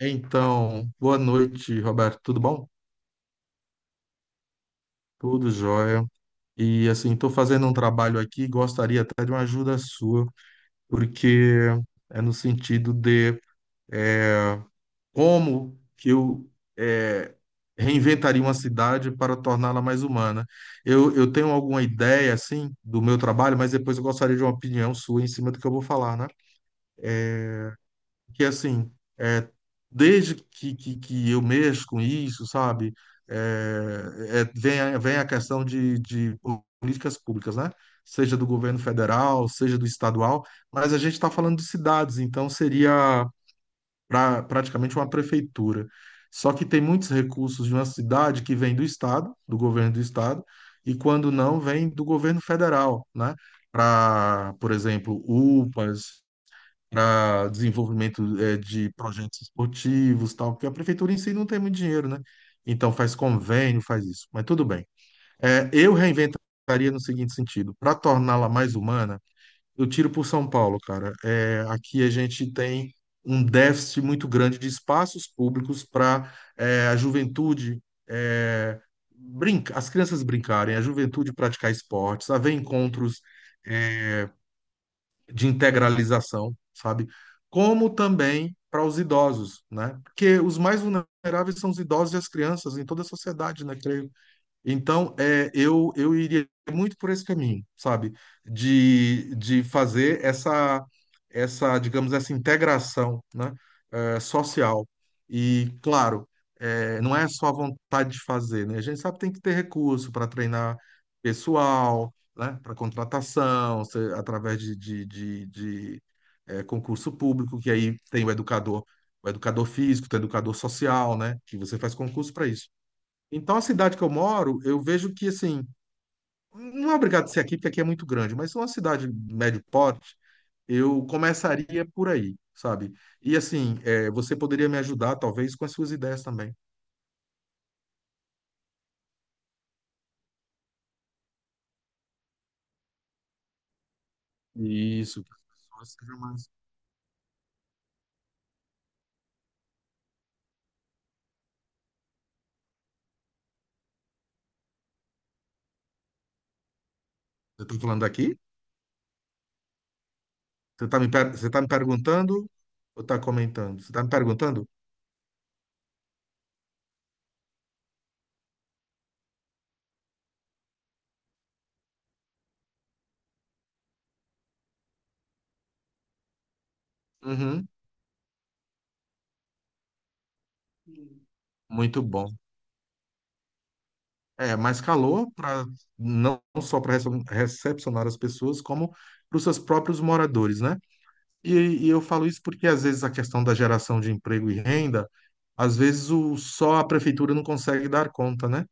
Então, boa noite, Roberto. Tudo bom? Tudo jóia. E assim, estou fazendo um trabalho aqui, gostaria até de uma ajuda sua, porque é no sentido de é, como que eu eh, reinventaria uma cidade para torná-la mais humana. Eu tenho alguma ideia, assim, do meu trabalho, mas depois eu gostaria de uma opinião sua em cima do que eu vou falar, né? Que assim, é, desde que eu mexo com isso, sabe? Vem a questão de políticas públicas, né? Seja do governo federal, seja do estadual, mas a gente está falando de cidades, então seria praticamente uma prefeitura. Só que tem muitos recursos de uma cidade que vem do estado, do governo do estado, e quando não, vem do governo federal, né? Para, por exemplo, UPAs, para desenvolvimento de projetos esportivos, tal, porque a prefeitura em si não tem muito dinheiro, né? Então faz convênio, faz isso, mas tudo bem. Eu reinventaria no seguinte sentido, para torná-la mais humana, eu tiro por São Paulo, cara. Aqui a gente tem um déficit muito grande de espaços públicos para a juventude eh, brinca, as crianças brincarem, a juventude praticar esportes, haver encontros de integralização, sabe? Como também para os idosos, né? Porque os mais vulneráveis são os idosos e as crianças em toda a sociedade, né? Creio. Então, eu iria muito por esse caminho, sabe? De fazer digamos, essa integração, né? Social. E, claro, não é só a vontade de fazer, né? A gente sabe que tem que ter recurso para treinar pessoal, né? Para contratação, através de, concurso público, que aí tem o educador físico, tem o educador social, né? Que você faz concurso para isso. Então, a cidade que eu moro, eu vejo que, assim, não é obrigado a ser aqui, porque aqui é muito grande, mas uma cidade de médio porte, eu começaria por aí, sabe? E, assim, você poderia me ajudar, talvez, com as suas ideias também. Isso, que as pessoas sejam mais. Eu tô falando aqui? Você está você tá me perguntando ou tá comentando? Você está me perguntando? Uhum, muito bom. É, mais calor para não só para recepcionar as pessoas, como para os seus próprios moradores, né? E eu falo isso porque, às vezes, a questão da geração de emprego e renda, às vezes só a prefeitura não consegue dar conta, né?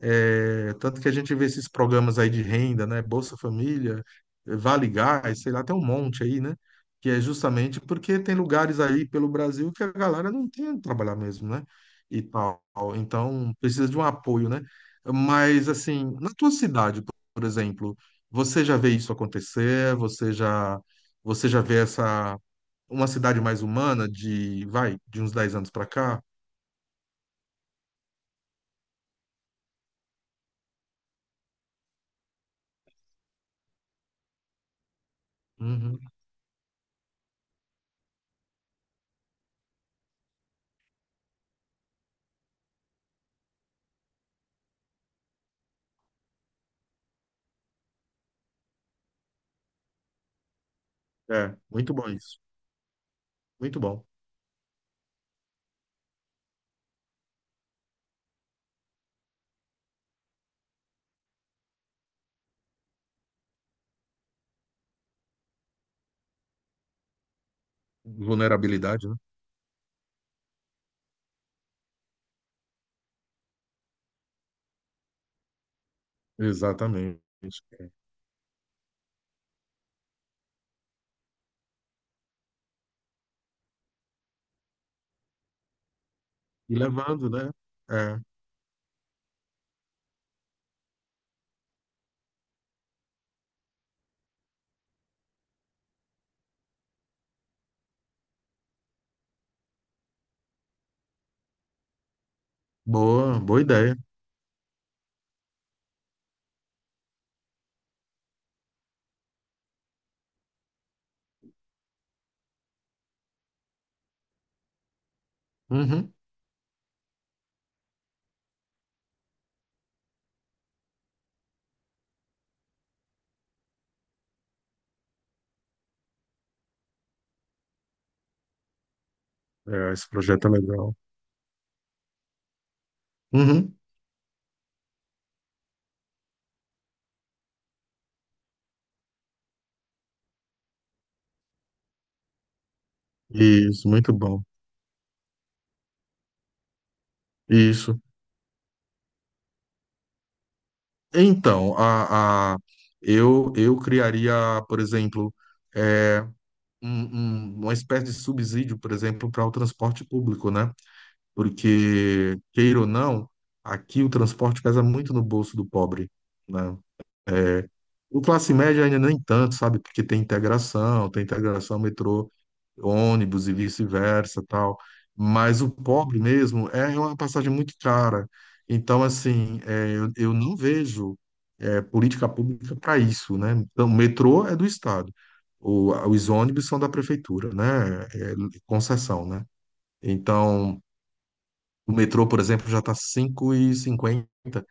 É, tanto que a gente vê esses programas aí de renda, né? Bolsa Família, Vale Gás, sei lá, tem um monte aí, né? Que é justamente porque tem lugares aí pelo Brasil que a galera não tem onde trabalhar mesmo, né? E tal. Então, precisa de um apoio, né? Mas, assim, na tua cidade, por exemplo, você já vê isso acontecer? Você já vê essa uma cidade mais humana vai, de uns 10 anos para cá. Uhum. É, muito bom isso. Muito bom. Vulnerabilidade, né? Exatamente. E levando, né? É, boa ideia. Uhum. É, esse projeto é legal. Uhum. Isso, muito bom. Isso. Então, eu criaria, por exemplo, é, uma espécie de subsídio, por exemplo, para o transporte público, né? Porque, queira ou não, aqui o transporte pesa muito no bolso do pobre, né? É, o classe média ainda nem tanto, sabe? Porque tem integração metrô, ônibus e vice-versa, tal. Mas o pobre mesmo é uma passagem muito cara. Então, assim, eu não vejo política pública para isso, né? Então, o metrô é do Estado, os ônibus são da prefeitura, né? É concessão, né? Então o metrô, por exemplo, já tá 5,50. E, cinquenta.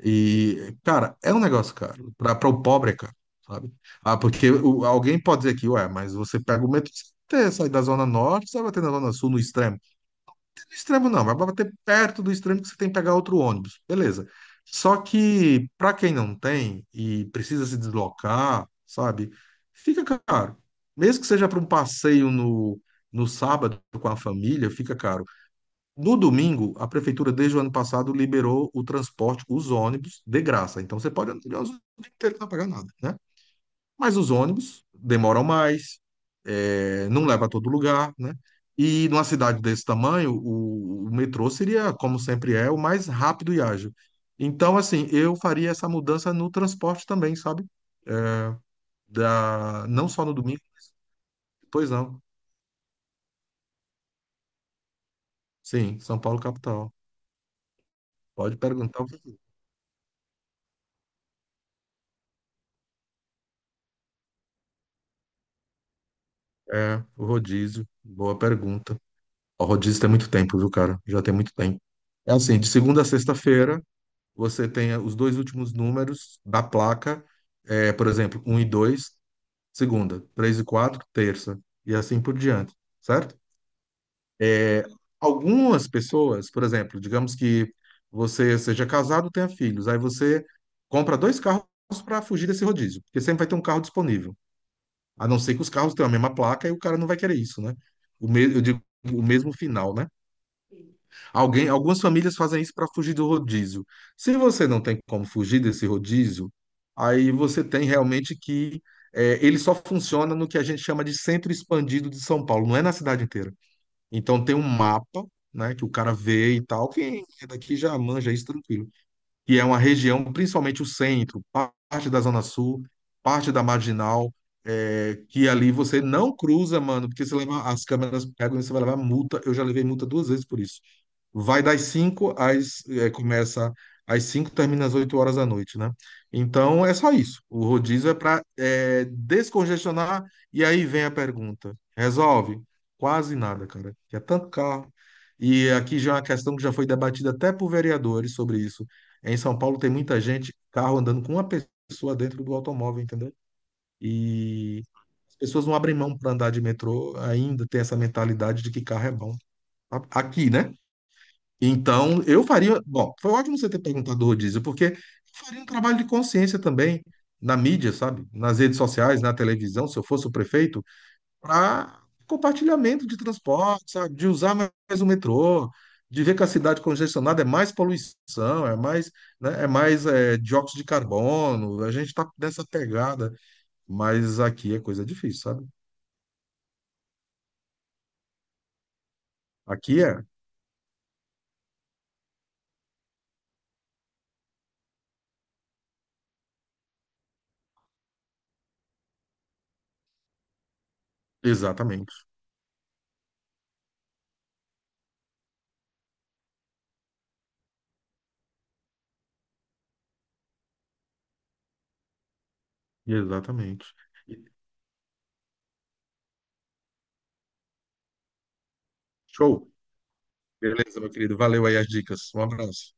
E, cara, é um negócio caro. Pra o pobre, é caro, sabe? Ah, porque alguém pode dizer que, ué, mas você pega o metrô, você sai da Zona Norte, você vai bater na Zona Sul, no extremo. No extremo não, vai bater perto do extremo que você tem que pegar outro ônibus. Beleza. Só que, pra quem não tem e precisa se deslocar, sabe? Fica caro. Mesmo que seja para um passeio no sábado com a família, fica caro. No domingo, a prefeitura, desde o ano passado, liberou o transporte, os ônibus, de graça. Então, você pode andar o dia inteiro não pagar nada, né? Mas os ônibus demoram mais, não leva a todo lugar, né? E numa cidade desse tamanho, o metrô seria, como sempre é, o mais rápido e ágil. Então, assim, eu faria essa mudança no transporte também, sabe? É, não só no domingo. Pois não. Sim, São Paulo capital. Pode perguntar. O É, o rodízio. Boa pergunta. O rodízio tem muito tempo, viu, cara? Já tem muito tempo. É assim, de segunda a sexta-feira, você tem os dois últimos números da placa, por exemplo, um e 2, segunda, 3 e 4, terça, e assim por diante, certo? Algumas pessoas, por exemplo, digamos que você seja casado, tenha filhos, aí você compra dois carros para fugir desse rodízio, porque sempre vai ter um carro disponível, a não ser que os carros tenham a mesma placa e o cara não vai querer isso, né? Eu digo o mesmo final, né? Algumas famílias fazem isso para fugir do rodízio. Se você não tem como fugir desse rodízio, aí você tem realmente que ele só funciona no que a gente chama de centro expandido de São Paulo, não é na cidade inteira. Então tem um mapa, né, que o cara vê e tal. Quem é daqui já manja isso tranquilo. E é uma região, principalmente o centro, parte da Zona Sul, parte da Marginal, que ali você não cruza, mano, porque você leva, as câmeras pegam e você vai levar multa. Eu já levei multa duas vezes por isso. Vai das 5 às. Começa às 5 termina às 8 horas da noite, né? Então é só isso. O rodízio é para descongestionar. E aí vem a pergunta: resolve? Quase nada, cara. Que é tanto carro. E aqui já é uma questão que já foi debatida até por vereadores sobre isso. Em São Paulo tem muita gente, carro andando com uma pessoa dentro do automóvel, entendeu? E as pessoas não abrem mão para andar de metrô, ainda tem essa mentalidade de que carro é bom. Aqui, né? Então, eu faria. Bom, foi ótimo você ter perguntado do rodízio, porque eu faria um trabalho de consciência também na mídia, sabe? Nas redes sociais, na televisão, se eu fosse o prefeito, para compartilhamento de transporte, sabe? De usar mais o metrô, de ver que a cidade congestionada é mais poluição, é mais, né? É mais dióxido de carbono. A gente está nessa pegada, mas aqui é coisa difícil, sabe? Aqui é. Exatamente. Exatamente. Show. Beleza, meu querido. Valeu aí as dicas. Um abraço.